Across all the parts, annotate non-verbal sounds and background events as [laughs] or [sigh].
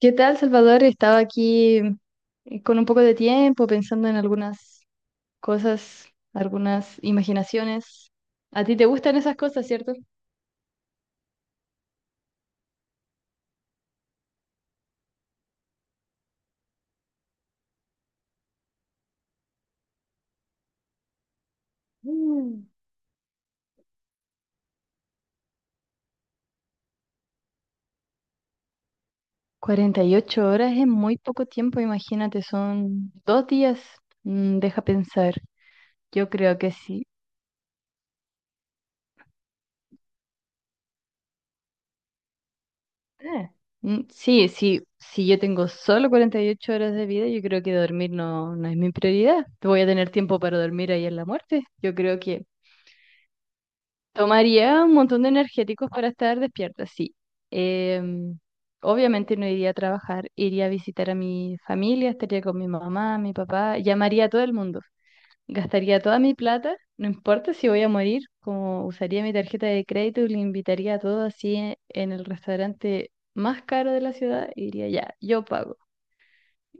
¿Qué tal, Salvador? Estaba aquí con un poco de tiempo pensando en algunas cosas, algunas imaginaciones. ¿A ti te gustan esas cosas, cierto? Mm. Cuarenta y ocho horas es muy poco tiempo, imagínate, son 2 días. Mm, deja pensar. Yo creo que sí. Eh, sí, si yo tengo solo 48 horas de vida, yo creo que dormir no es mi prioridad. Voy a tener tiempo para dormir ahí en la muerte. Yo creo que tomaría un montón de energéticos para estar despierta, sí. Em, Obviamente no iría a trabajar, iría a visitar a mi familia, estaría con mi mamá, mi papá, llamaría a todo el mundo, gastaría toda mi plata, no importa si voy a morir, como usaría mi tarjeta de crédito y le invitaría a todos así en el restaurante más caro de la ciudad, y diría ya, yo pago.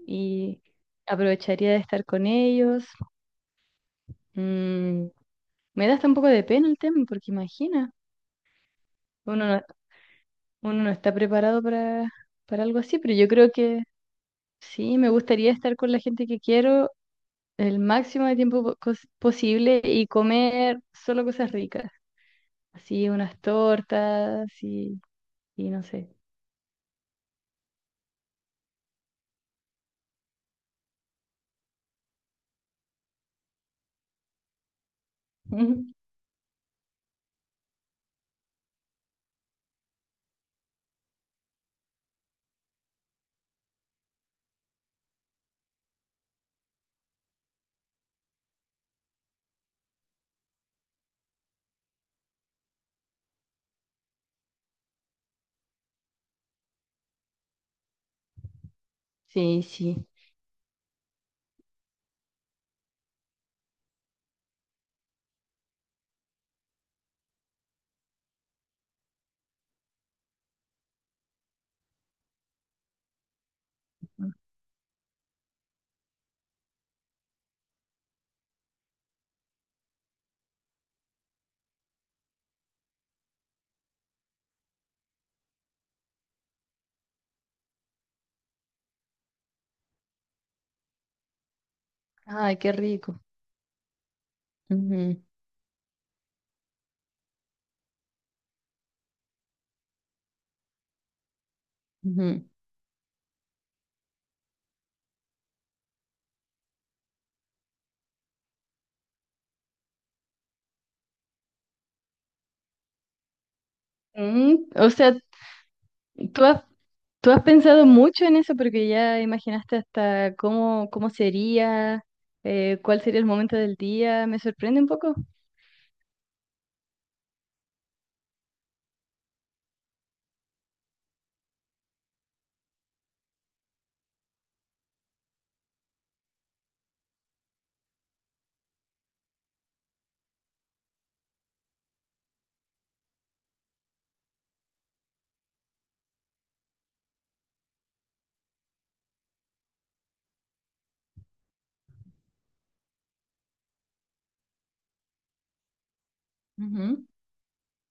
Y aprovecharía de estar con ellos. Mm, me da hasta un poco de pena el tema, porque imagina. Uno no uno no está preparado para algo así, pero yo creo que sí, me gustaría estar con la gente que quiero el máximo de tiempo posible y comer solo cosas ricas, así unas tortas y no sé. [laughs] Ujú. Sí, sí. Ay, qué rico. Ujú, ujú. Mm, o sea, tú has, tú has pensado mucho en eso porque ya imaginaste hasta cómo sería, cuál sería el momento del día. Me sorprende un poco.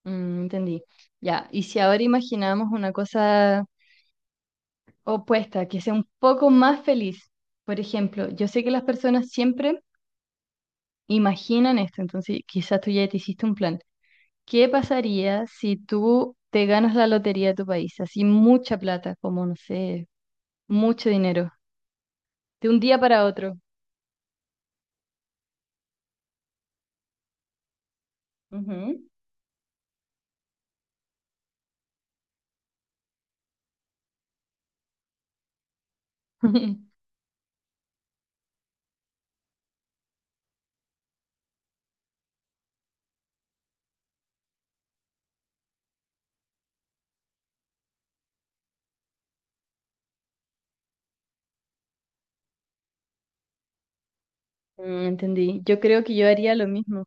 Mm, entendí. Ya, y si ahora imaginamos una cosa opuesta, que sea un poco más feliz. Por ejemplo, yo sé que las personas siempre imaginan esto, entonces quizás tú ya te hiciste un plan. ¿Qué pasaría si tú te ganas la lotería de tu país? Así mucha plata, como no sé, mucho dinero, de un día para otro. Ujú. [laughs] Mm, entendí. Yo creo que yo haría lo mismo.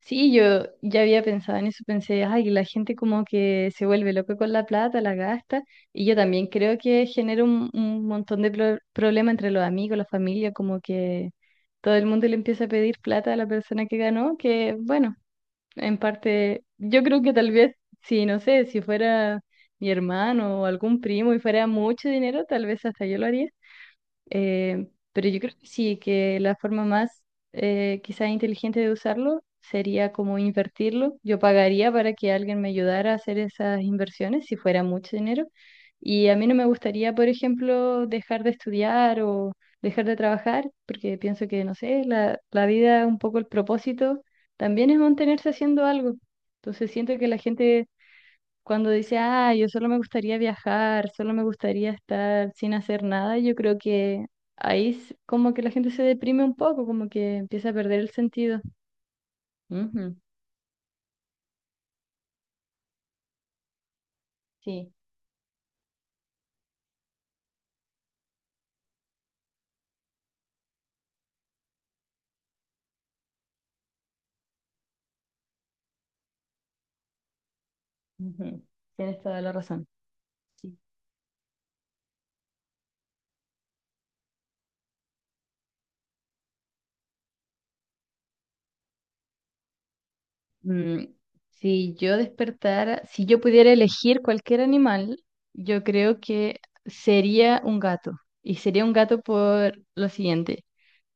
Sí, yo ya había pensado en eso, pensé, ay, la gente como que se vuelve loca con la plata, la gasta, y yo también creo que genera un montón de problemas entre los amigos, la familia, como que todo el mundo le empieza a pedir plata a la persona que ganó, que bueno, en parte, yo creo que tal vez, si no sé, si fuera mi hermano o algún primo y fuera mucho dinero, tal vez hasta yo lo haría, eh, pero yo creo que sí, que la forma más quizás inteligente de usarlo sería como invertirlo. Yo pagaría para que alguien me ayudara a hacer esas inversiones si fuera mucho dinero. Y a mí no me gustaría, por ejemplo, dejar de estudiar o dejar de trabajar, porque pienso que, no sé, la vida, un poco el propósito, también es mantenerse haciendo algo. Entonces siento que la gente cuando dice, ah, yo solo me gustaría viajar, solo me gustaría estar sin hacer nada, yo creo que ahí como que la gente se deprime un poco, como que empieza a perder el sentido. Ujú, sí, ujú, tienes toda la razón. Sí. Mm, si yo despertara, si yo pudiera elegir cualquier animal, yo creo que sería un gato. Y sería un gato por lo siguiente.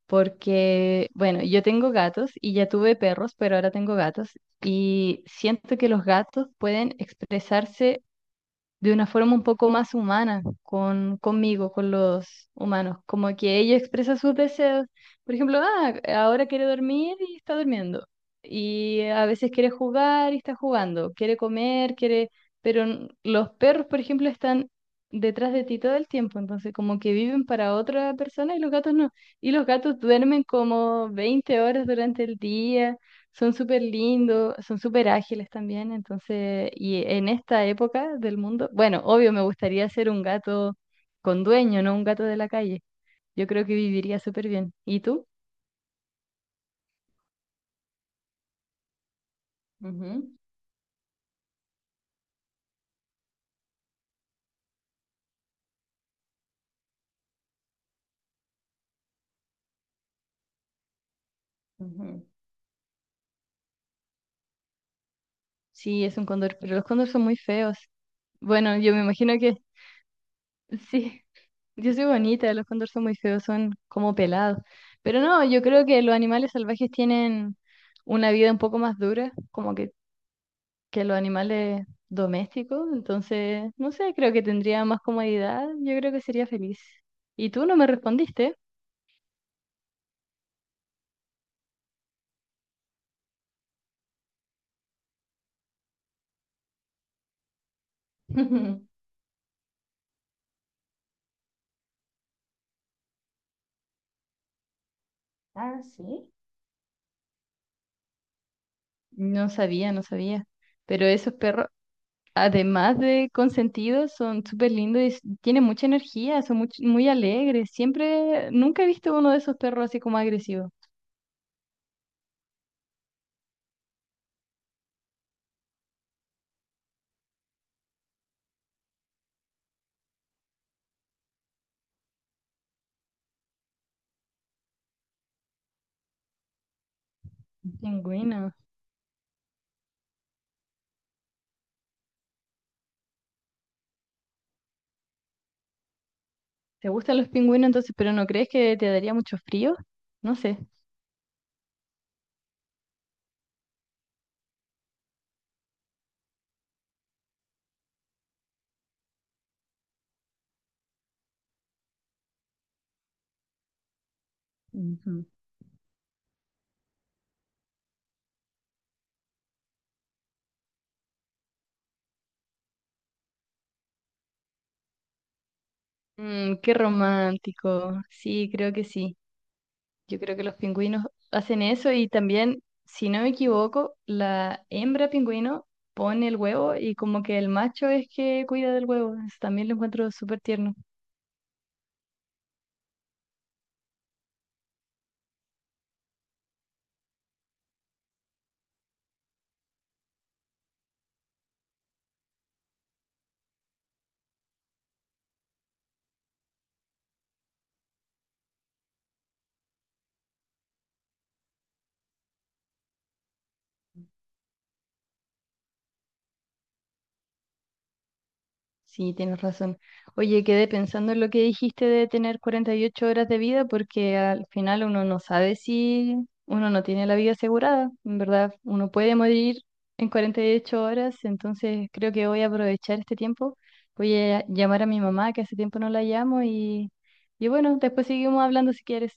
Porque, bueno, yo tengo gatos y ya tuve perros, pero ahora tengo gatos y siento que los gatos pueden expresarse de una forma un poco más humana conmigo, con los humanos, como que ella expresa sus deseos, por ejemplo, ahora quiere dormir y está durmiendo, y a veces quiere jugar y está jugando, quiere comer, quiere, pero los perros, por ejemplo, están detrás de ti todo el tiempo, entonces como que viven para otra persona y los gatos no, y los gatos duermen como 20 horas durante el día. Son súper lindos, son súper ágiles también, entonces, y en esta época del mundo, bueno, obvio me gustaría ser un gato con dueño, no un gato de la calle. Yo creo que viviría súper bien. ¿Y tú? Ujú, ujú. Sí, es un cóndor, pero los cóndores son muy feos. Bueno, yo me imagino que [laughs] sí, yo soy bonita, los cóndores son muy feos, son como pelados. Pero no, yo creo que los animales salvajes tienen una vida un poco más dura, como que los animales domésticos, entonces, no sé, creo que tendría más comodidad, yo creo que sería feliz. Y tú no me respondiste. [laughs] Ah, sí. No sabía, no sabía. Pero esos perros, además de consentidos, son súper lindos y tienen mucha energía, son muy alegres. Siempre, nunca he visto uno de esos perros así como agresivo. Un pingüino. ¿Te gustan los pingüinos entonces, pero no crees que te daría mucho frío? No sé. Mm, qué romántico. Sí, creo que sí. Yo creo que los pingüinos hacen eso y también, si no me equivoco, la hembra pingüino pone el huevo y como que el macho es que cuida del huevo. Eso también lo encuentro súper tierno. Sí, tienes razón. Oye, quedé pensando en lo que dijiste de tener 48 horas de vida porque al final uno no sabe si uno no tiene la vida asegurada. En verdad, uno puede morir en 48 horas, entonces creo que voy a aprovechar este tiempo. Voy a llamar a mi mamá, que hace tiempo no la llamo, y bueno, después seguimos hablando si quieres.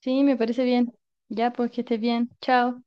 Sí, me parece bien. Ya, pues que estés bien. Chao.